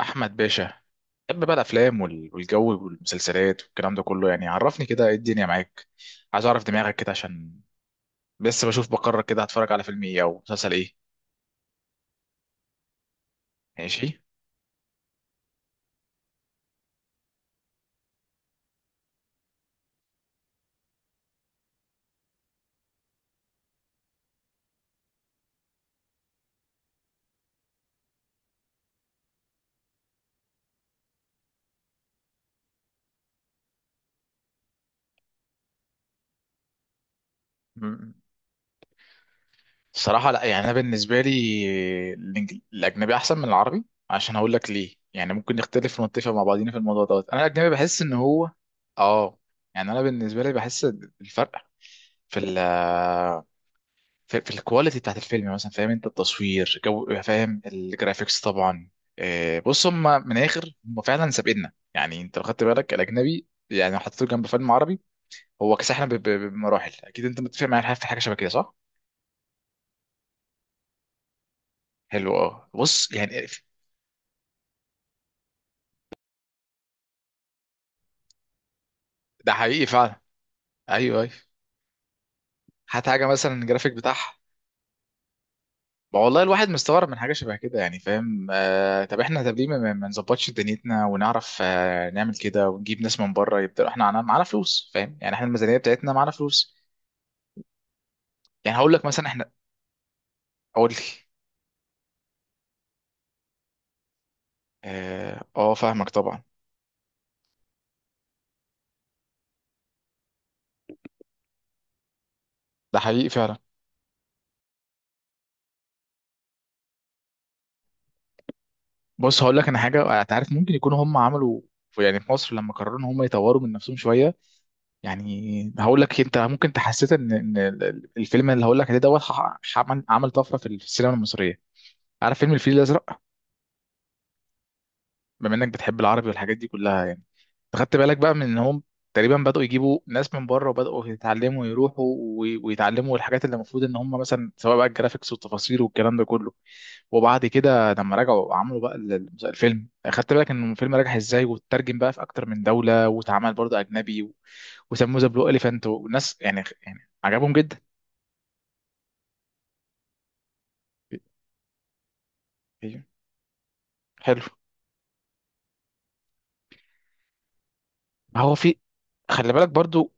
احمد باشا، بحب بقى الافلام والجو والمسلسلات والكلام ده كله. يعني عرفني كده ايه الدنيا معاك. عايز اعرف دماغك كده عشان بس بشوف بقرر كده هتفرج على فيلم ايه او مسلسل ايه. ماشي. مم. الصراحه لا، يعني انا بالنسبه لي الاجنبي احسن من العربي، عشان هقول لك ليه. يعني ممكن نختلف ونتفق مع بعضينا في الموضوع دوت. انا الاجنبي بحس ان هو اه يعني انا بالنسبه لي بحس الفرق في ال في الكواليتي بتاعت الفيلم، يعني مثلا فاهم انت التصوير، جو، فاهم الجرافيكس طبعا. بص هم من الاخر هم فعلا سابقنا. يعني انت لو خدت بالك الاجنبي، يعني لو حطيته جنب فيلم عربي هو كسحنا بمراحل. اكيد انت متفق معايا في حاجه شبه كده، صح؟ حلو، بص يعني ده حقيقي فعلا. ايوه ايوه. هات حاجه مثلا الجرافيك بتاعها. ما والله الواحد مستغرب من حاجه شبه كده، يعني فاهم. طب احنا، طب ليه ما نظبطش دنيتنا ونعرف نعمل كده ونجيب ناس من بره يبدا. احنا معانا فلوس، فاهم؟ يعني احنا الميزانيه بتاعتنا معانا فلوس. يعني هقول لك مثلا احنا، اقول لك. فاهمك طبعا. ده حقيقي فعلا. بص هقول لك انا حاجه، انت عارف ممكن يكونوا هم عملوا، يعني في مصر لما قرروا ان هم يطوروا من نفسهم شويه. يعني هقول لك، انت ممكن تحسيت ان الفيلم اللي هقول لك عليه دوت عمل طفره في السينما المصريه. عارف فيلم الفيل الازرق؟ بما انك بتحب العربي والحاجات دي كلها يعني، أنت خدت بالك بقى من ان هم تقريبا بدأوا يجيبوا ناس من بره وبدأوا يتعلموا يروحوا ويتعلموا الحاجات اللي المفروض ان هم مثلا، سواء بقى الجرافيكس والتفاصيل والكلام ده كله. وبعد كده لما رجعوا عملوا بقى الفيلم. خدت بالك ان الفيلم نجح ازاي واترجم بقى في اكتر من دولة واتعمل برضه اجنبي وسموه ذا بلو اليفانت، والناس يعني عجبهم جدا. أيوه. حلو. هو في خلي بالك برضو.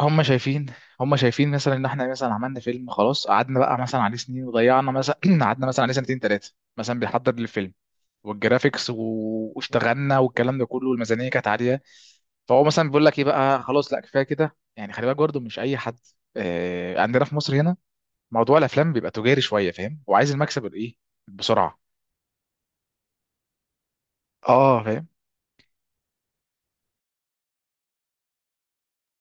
هم شايفين هم شايفين مثلا ان احنا مثلا عملنا فيلم، خلاص قعدنا بقى مثلا عليه سنين وضيعنا مثلا قعدنا مثلا عليه سنتين ثلاثه مثلا بنحضر للفيلم والجرافيكس واشتغلنا والكلام ده كله، والميزانيه كانت عاليه. فهو مثلا بيقول لك ايه بقى، خلاص لا كفايه كده. يعني خلي بالك برضه مش اي حد. عندنا في مصر هنا موضوع الافلام بيبقى تجاري شويه، فاهم، وعايز المكسب الايه بسرعه. اه فاهم،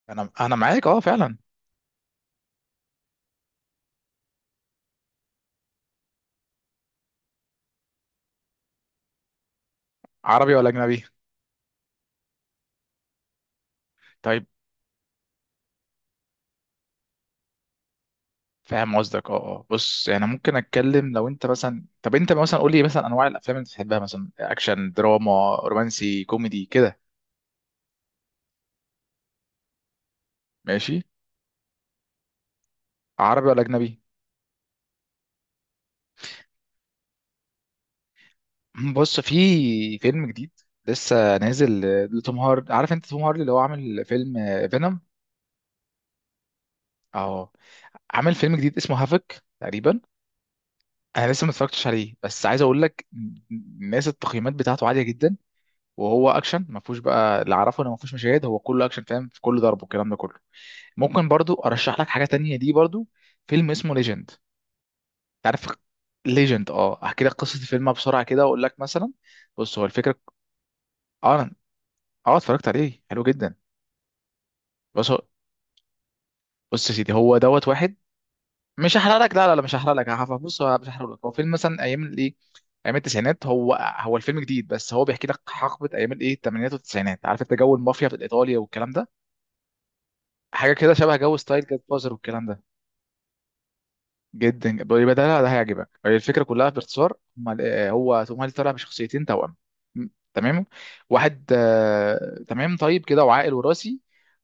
انا معاك، اه فعلا. عربي ولا اجنبي؟ طيب. فاهم قصدك. اه اه، بص يعني ممكن اتكلم. لو انت مثلا، طب انت مثلا قول لي مثلا انواع الافلام اللي بتحبها، مثلا اكشن، دراما، رومانسي، كوميدي كده. ماشي. عربي ولا اجنبي؟ بص في فيلم جديد لسه نازل لتوم هارد. عارف انت توم هاردي اللي هو عامل فيلم فينوم؟ اهو عامل فيلم جديد اسمه هافك تقريبا. انا لسه ما اتفرجتش عليه بس عايز اقول لك، الناس التقييمات بتاعته عاليه جدا. وهو اكشن، ما فيهوش بقى، اللي اعرفه انه ما فيهوش مشاهد، هو كله اكشن فاهم، في كل ضرب والكلام ده كله. ممكن برضو ارشح لك حاجه تانية، دي برضو فيلم اسمه ليجند. تعرف ليجند؟ اه احكي لك قصه الفيلم بسرعه كده واقول لك مثلا. بص هو الفكره، اه أنا- اه اتفرجت عليه، حلو جدا. بص هو- بص يا سيدي، هو دوت واحد. مش هحرق لك، لا لا لا مش هحرق لك. بص هو مش هحرق لك، هو فيلم مثلا ايام الايه، ايام التسعينات. هو، هو الفيلم جديد بس هو بيحكي لك حقبه ايام الايه الثمانينات والتسعينات. عارف انت جو المافيا في ايطاليا والكلام ده؟ حاجه كده شبه جو ستايل جاد فازر والكلام ده. جدا يبقى ده، لا، ده هيعجبك. هي الفكره كلها باختصار، هو توم هانكس طالع بشخصيتين توأم. م- تمام. واحد تمام طيب كده وعاقل وراسي،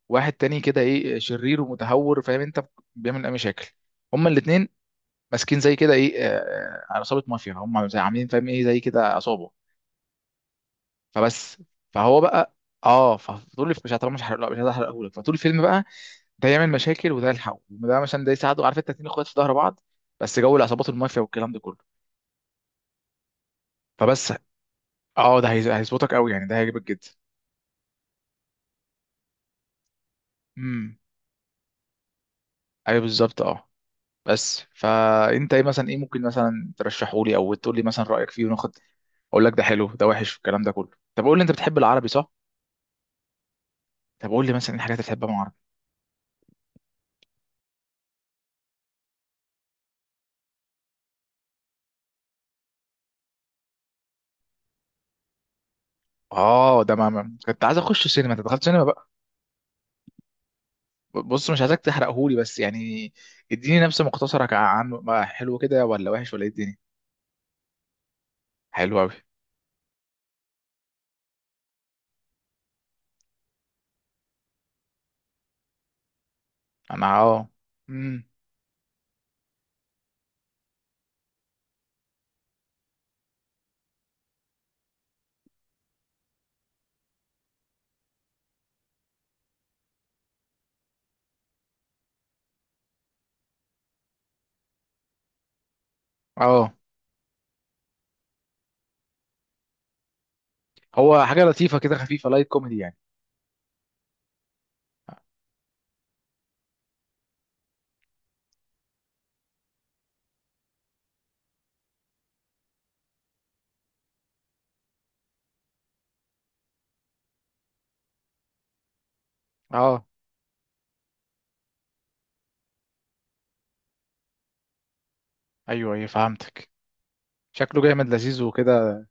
واحد تاني كده ايه شرير ومتهور، فاهم انت، بيعمل اي مشاكل. هما الاثنين ماسكين زي كده ايه عصابه مافيا، هما زي عاملين فاهم ايه زي كده عصابه. فبس، فهو بقى اه فطول مش هتعرف، مش هحرق، مش هحرقه لك. فطول الفيلم بقى ده يعمل مشاكل وده يلحقه وده مثلا ده يساعده. عارف انت، اتنين اخوات في ظهر بعض، بس جو العصابات المافيا والكلام ده كله. فبس، اه ده هيظبطك قوي، يعني ده هيعجبك جدا. امم ايوه بالظبط اه. بس فانت ايه مثلا، ايه ممكن مثلا ترشحه لي او تقول لي مثلا رايك فيه وناخد، اقول لك ده حلو ده وحش الكلام ده كله. طب قول لي انت بتحب العربي صح؟ طب قول لي مثلا ايه الحاجات اللي بتحبها من العربي. اه ده كنت عايز اخش سينما، انت دخلت سينما بقى. بص مش عايزك تحرقهولي بس يعني اديني نبذه مختصره عنه بقى، حلو كده ولا وحش ولا ايه الدنيا. حلو قوي. انا امم اه هو حاجه لطيفه كده خفيفه لايت كوميدي يعني. اه ايوه ايوه فهمتك. شكله جامد لذيذ وكده.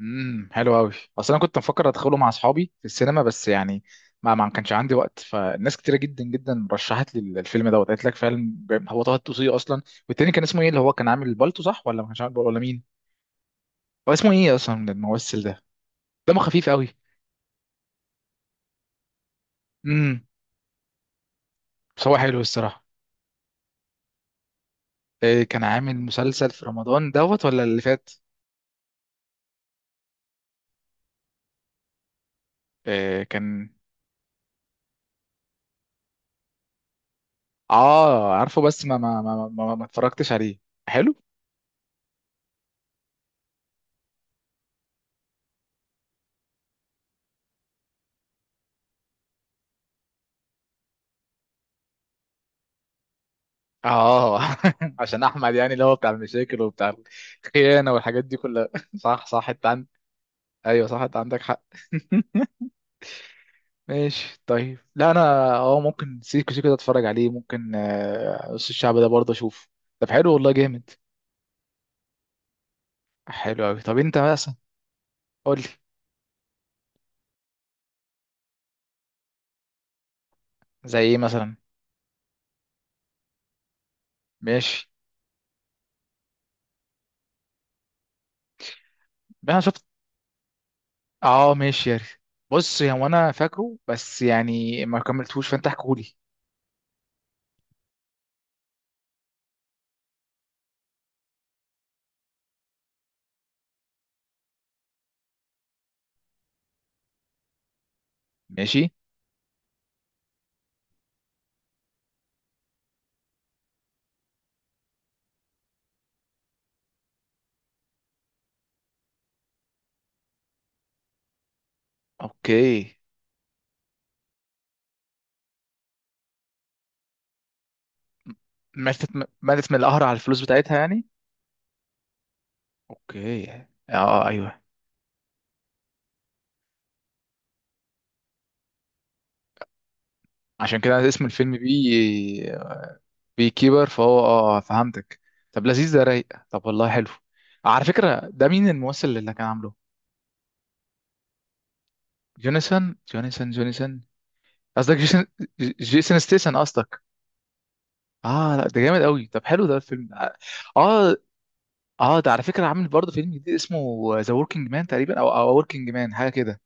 حلو قوي. اصل انا كنت مفكر ادخله مع اصحابي في السينما بس يعني ما كانش عندي وقت. فالناس كتيره جدا جدا رشحت لي الفيلم دوت، قالت لك فعلا جامد. هو طه الدسوقي اصلا. والتاني كان اسمه ايه، اللي هو كان عامل البالتو، صح ولا ما كانش عامل بالتو؟ ولا مين، هو اسمه ايه اصلا الممثل ده؟ دمه خفيف قوي. امم بس هو حلو الصراحه. إيه، كان عامل مسلسل في رمضان دوت ولا اللي فات؟ إيه كان. اه عارفه بس ما اتفرجتش عليه. حلو. اه عشان احمد يعني اللي هو بتاع المشاكل وبتاع الخيانه والحاجات دي كلها صح صح، انت عندك، ايوه صح انت عندك حق ماشي طيب، لا انا اه ممكن سيكو سيكو ده اتفرج عليه، ممكن نص الشعب ده برضه اشوف. طب حلو والله جامد. حلو قوي. طب انت مثلا قول لي. زي ايه مثلا. ماشي. انا شفت. اه ماشي يا ريت. بص يا، هو انا فاكره بس يعني ما كملتهوش، فانت احكولي. ماشي. اوكي. ماتت؟ ماتت من القهر على الفلوس بتاعتها يعني؟ اوكي اه. ايوه. عشان كده اسم الفيلم بي كيبر، فهو فهمتك. طب لذيذ، ده رايق. طب والله حلو. على فكرة ده مين الممثل اللي كان عامله؟ جوناثان. قصدك جيسون ستيسن قصدك. اه لا ده جامد قوي. طب حلو ده الفيلم اه. اه ده على فكرة عامل برضه فيلم جديد اسمه ذا وركينج مان تقريبا، او وركينج مان حاجة كده.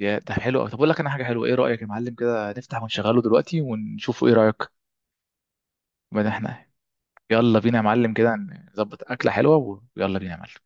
يا ده حلو قوي. طب اقول لك انا حاجة حلوة، ايه رأيك يا معلم كده نفتح ونشغله دلوقتي ونشوفه، ايه رأيك؟ ما احنا. يلا بينا يا معلم كده نظبط أكلة حلوة ويلا بينا يا معلم.